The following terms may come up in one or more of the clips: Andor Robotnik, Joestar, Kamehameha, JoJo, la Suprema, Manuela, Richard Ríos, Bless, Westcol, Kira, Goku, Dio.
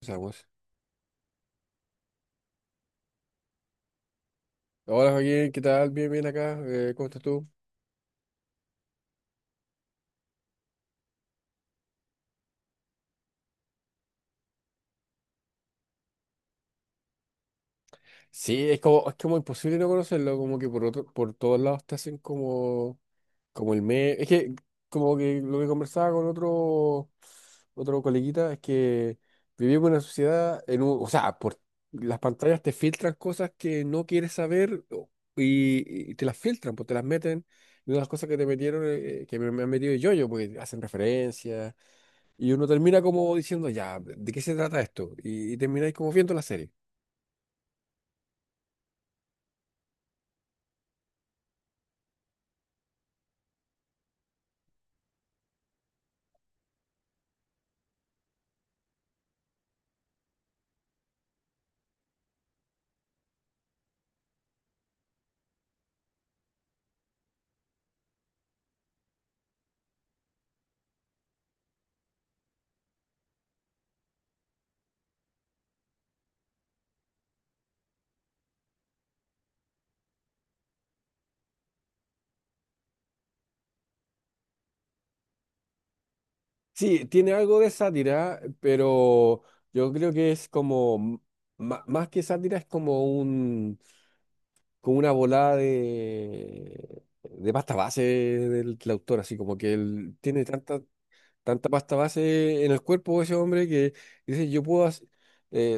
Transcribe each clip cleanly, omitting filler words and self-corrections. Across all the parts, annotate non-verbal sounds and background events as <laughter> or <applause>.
Empezamos. Hola Joaquín, ¿qué tal? Bien, bien acá. ¿Cómo estás tú? Sí, es como imposible no conocerlo, como que por todos lados te hacen como, como el meme. Es que como que lo que conversaba con otro coleguita es que vivimos en una sociedad, o sea, por las pantallas te filtran cosas que no quieres saber o- y te las filtran, pues te las meten. Y una de las cosas que te metieron, que me han metido yo, porque hacen referencias. Y uno termina como diciendo, ya, ¿de qué se trata esto? Y termináis como viendo la serie. Sí, tiene algo de sátira, pero yo creo que es más que sátira, es como un, como una volada de pasta base del autor, así como que él tiene tanta, tanta pasta base en el cuerpo de ese hombre que dice, yo puedo hacer,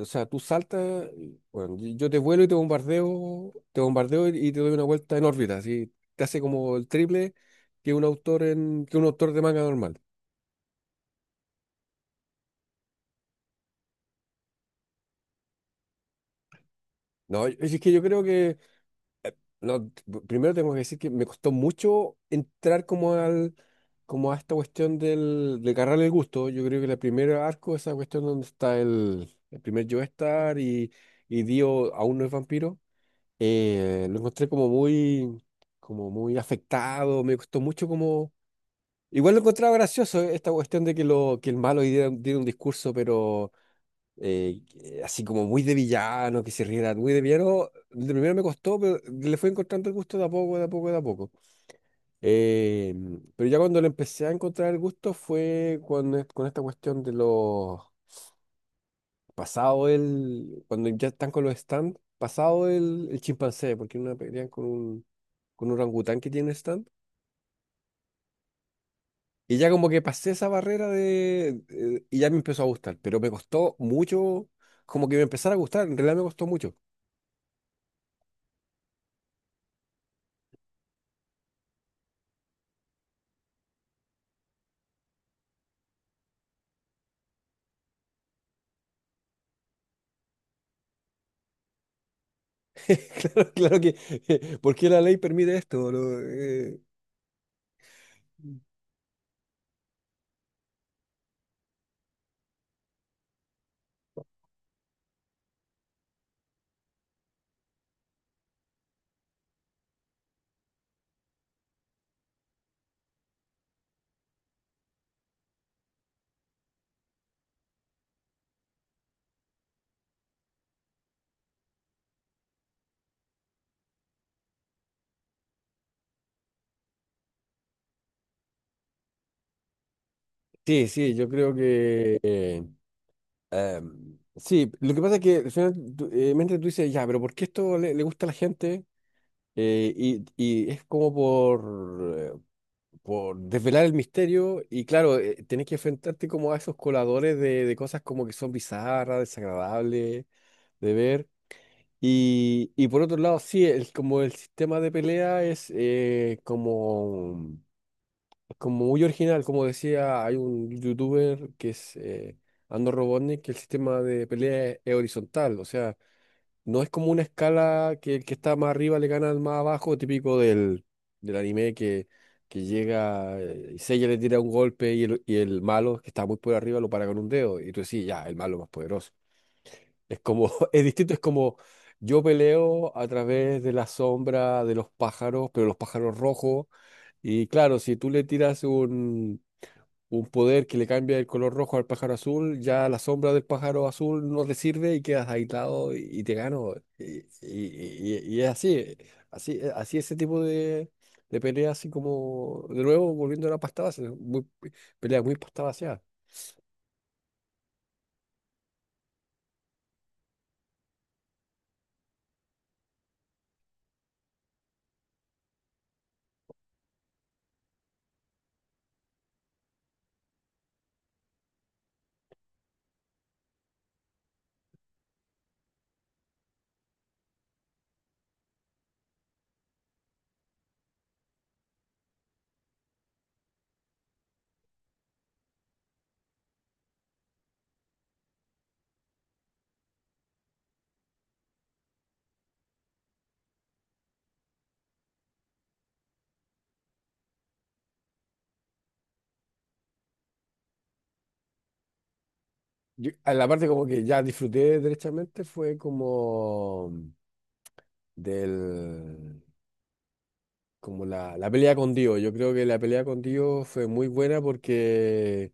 o sea, tú saltas, bueno, y yo te vuelo y te bombardeo y te doy una vuelta en órbita, así te hace como el triple que un autor de manga normal. No, es que yo creo que, no, t- primero tengo que decir que me costó mucho entrar como a esta cuestión de agarrarle el gusto. Yo creo que el primer arco, esa cuestión donde está el primer Joestar y Dio aún no es vampiro. Lo encontré como muy afectado, me costó mucho como... Igual lo encontraba gracioso, esta cuestión de que el malo diera un discurso, pero así como muy de villano, que se riera muy de villano. De primero me costó, pero le fui encontrando el gusto de a poco, de a poco, de a poco. Eh, pero ya cuando le empecé a encontrar el gusto fue con esta cuestión de los... Pasado el... Cuando ya están con los stands, pasado el chimpancé, porque una pelean con un orangután que tiene un stand. Y ya como que pasé esa barrera de... Y ya me empezó a gustar, pero me costó mucho, como que me empezara a gustar, en realidad me costó mucho. <laughs> Claro, claro que, <laughs> ¿por qué la ley permite esto? No, Sí, sí, yo creo que... sí, lo que pasa es que al final mente tú dices, ya, pero ¿por qué esto le gusta a la gente? Y es como por desvelar el misterio y claro, tenés que enfrentarte como a esos coladores de cosas como que son bizarras, desagradables de ver. Y por otro lado, sí, el, como el sistema de pelea es como muy original, como decía, hay un youtuber que es Andor Robotnik, que el sistema de pelea es horizontal, o sea, no es como una escala que el que está más arriba le gana al más abajo, típico del anime que llega, y Seiya le tira un golpe y y el malo que está muy por arriba lo para con un dedo. Y tú decís, ya, el malo más poderoso. Es como, <laughs> es distinto, es como yo peleo a través de la sombra de los pájaros, pero los pájaros rojos. Y claro, si tú le tiras un poder que le cambia el color rojo al pájaro azul, ya la sombra del pájaro azul no te sirve y quedas aislado y te gano. Y es así, así ese tipo de peleas, así como, de nuevo, volviendo a la pasta base, ¿no? Muy, peleas muy pasta vaciada. Yo- a la parte como que ya disfruté derechamente fue como del... como la pelea con Dio. Yo creo que la pelea con Dio fue muy buena porque,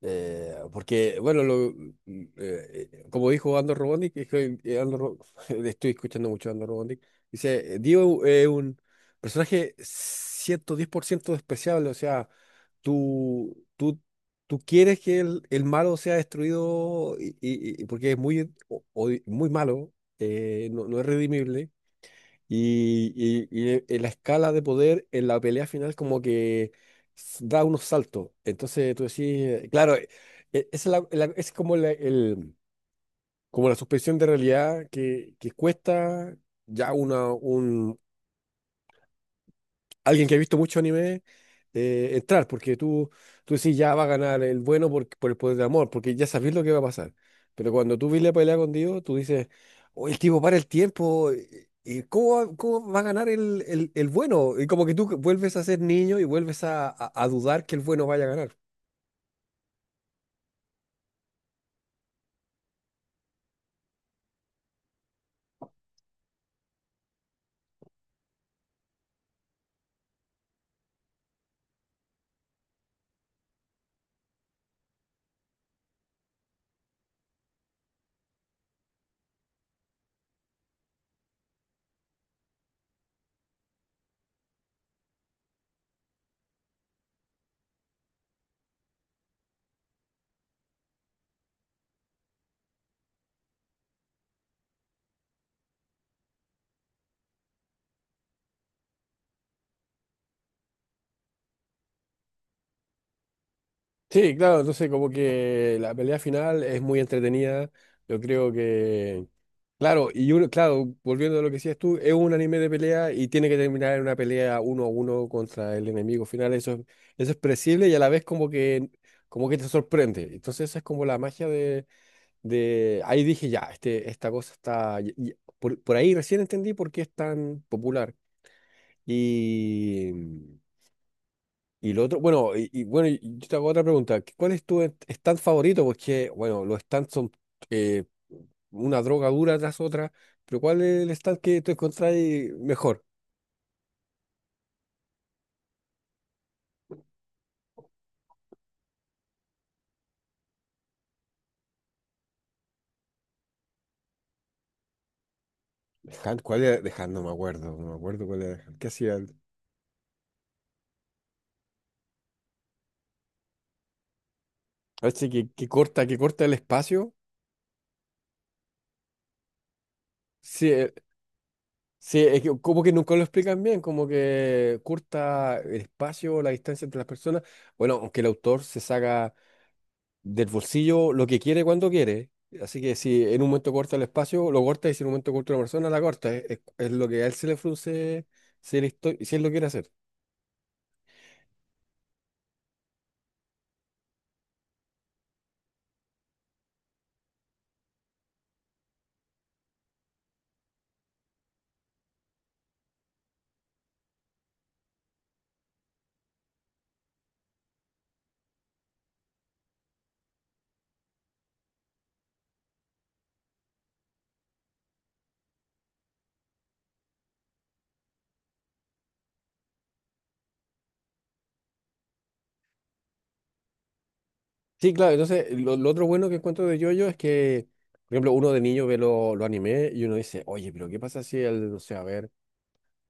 Bueno, como dijo Andor Robonik, es que, Andor Ro- <laughs> estoy escuchando mucho a Andor Robonik, dice, Dio es un personaje 110% despreciable, o sea, tú, tú, tú quieres que el malo sea destruido porque es muy, muy malo, no, no es redimible, la escala de poder en la pelea final como que da unos saltos. Entonces tú decís, eh, claro, e- esa es, es como como la suspensión de realidad que cuesta ya una, alguien que ha visto mucho anime entrar, porque tú decís ya va a ganar el bueno por el poder del amor, porque ya sabes lo que va a pasar. Pero cuando tú ves la pelea con Dios, tú dices, oye, el tipo para el tiempo, ¿ cómo va a ganar el bueno? Y como que tú vuelves a ser niño y vuelves a dudar que el bueno vaya a ganar. Sí, claro, entonces como que la pelea final es muy entretenida. Yo creo. Claro, y uno, claro, volviendo a lo que decías tú, es un anime de pelea y tiene que terminar en una pelea uno a uno contra el enemigo final. Eso es predecible y a la vez como como que te sorprende. Entonces esa es como la magia de... Ahí dije, ya, este, esta cosa está... por ahí recién entendí por qué es tan popular. Y... Y lo otro, bueno, yo te hago otra pregunta. ¿Cuál es tu stand favorito? Porque, bueno, los stands son eh, una droga dura tras otra, pero ¿cuál es el stand que tú encontrás mejor? De Hand, ¿cuál era? De Hand no me acuerdo, no me acuerdo cuál era. De Hand. ¿Qué hacía él? Parece que corta el espacio. Sí, sí, es que como que nunca lo explican bien, como que corta el espacio, la distancia entre las personas. Bueno, aunque el autor se saca del bolsillo lo que quiere cuando quiere. Así que si en un momento corta el espacio, lo corta y si en un momento corta una persona, la corta. Es lo que a él se le frunce si él lo quiere hacer. Sí, claro, entonces lo otro bueno que encuentro de JoJo es que, por ejemplo, uno de niño ve los animes y uno dice, oye, pero ¿qué pasa si el, no sé, a ver.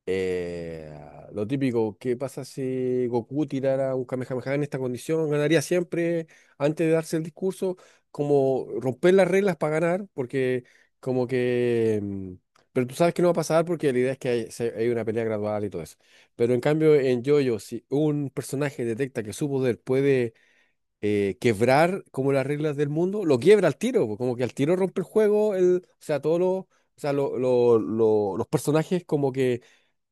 Eh, lo típico, ¿qué pasa si Goku tirara un Kamehameha en esta condición? Ganaría siempre antes de darse el discurso, como romper las reglas para ganar, porque como que... pero tú sabes que no va a pasar porque la idea es que hay una pelea gradual y todo eso. Pero en cambio en JoJo, si un personaje detecta que su poder puede quebrar como las reglas del mundo, lo quiebra al tiro, po, como que al tiro rompe el juego, el, o sea, todos los... O sea, los personajes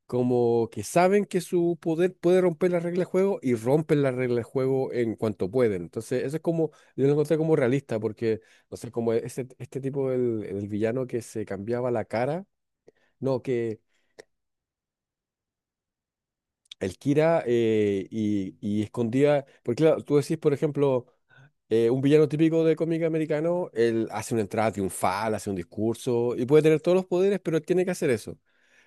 como que saben que su poder puede romper las reglas de juego y rompen las reglas de juego en cuanto pueden. Entonces, eso es como, yo lo encontré como realista, porque, no sé, como este tipo, el villano que se cambiaba la cara, no, que el Kira, y escondía, porque claro, tú decís, por ejemplo, un villano típico de cómic americano, él hace una entrada triunfal, hace un discurso y puede tener todos los poderes, pero él tiene que hacer eso.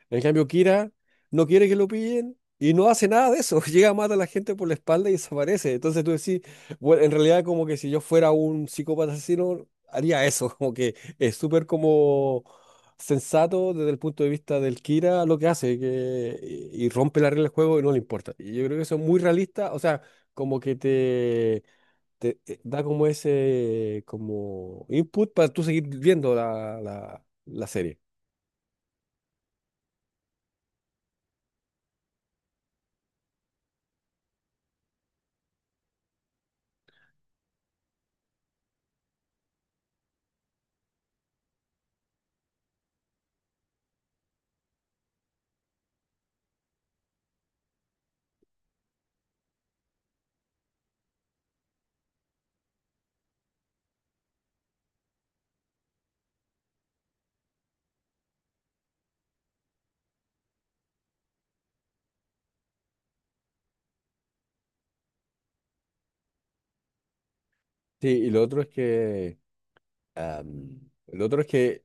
En cambio, Kira no quiere que lo pillen y no hace nada de eso. <laughs> Llega, mata a la gente por la espalda y desaparece. Entonces tú decís, bueno, en realidad como que si yo fuera un psicópata asesino, haría eso. <laughs> Como que es súper como sensato desde el punto de vista del Kira lo que hace que, y rompe la regla del juego y no le importa. Y yo creo que eso es muy realista. O sea, como que te... te da como ese como input para tú seguir viendo la serie. Sí, y lo otro es que, Am, el otro es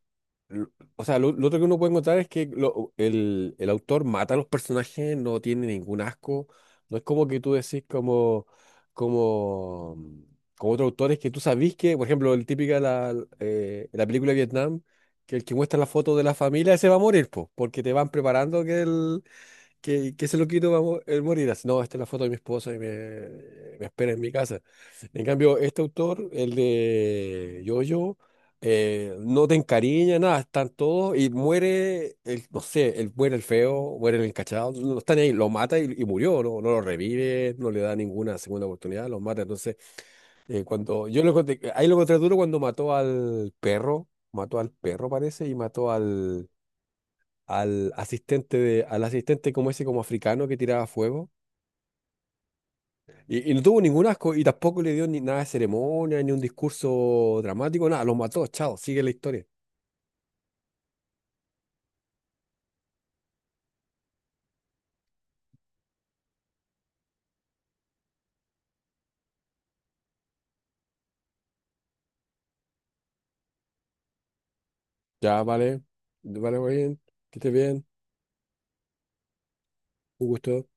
l- o sea, lo otro que uno puede encontrar es que el autor mata a los personajes, no tiene ningún asco. No es como que tú decís como, como, como otros autores que tú sabís que, por ejemplo, la película de Vietnam, que el que muestra la foto de la familia, ese va a morir, po, porque te van preparando que que se lo quito va a mo- el morir. Así, no, esta es la foto de mi esposa y me espera en mi casa. En cambio, este autor, el de Yoyo, no te encariña, nada, están todos y muere, el, no sé, el, muere el feo, muere el encachado, no están ahí, lo mata y murió, no, no lo revive, no le da ninguna segunda oportunidad, lo mata. Entonces, cuando yo lo encontré, ahí lo encontré duro cuando mató al perro parece y mató al al asistente como ese como africano que tiraba fuego. Y no tuvo ningún asco y tampoco le dio ni nada de ceremonia, ni un discurso dramático, nada, los mató, chao, sigue la historia. Ya, vale, vale, muy bien, que estés bien, un gusto.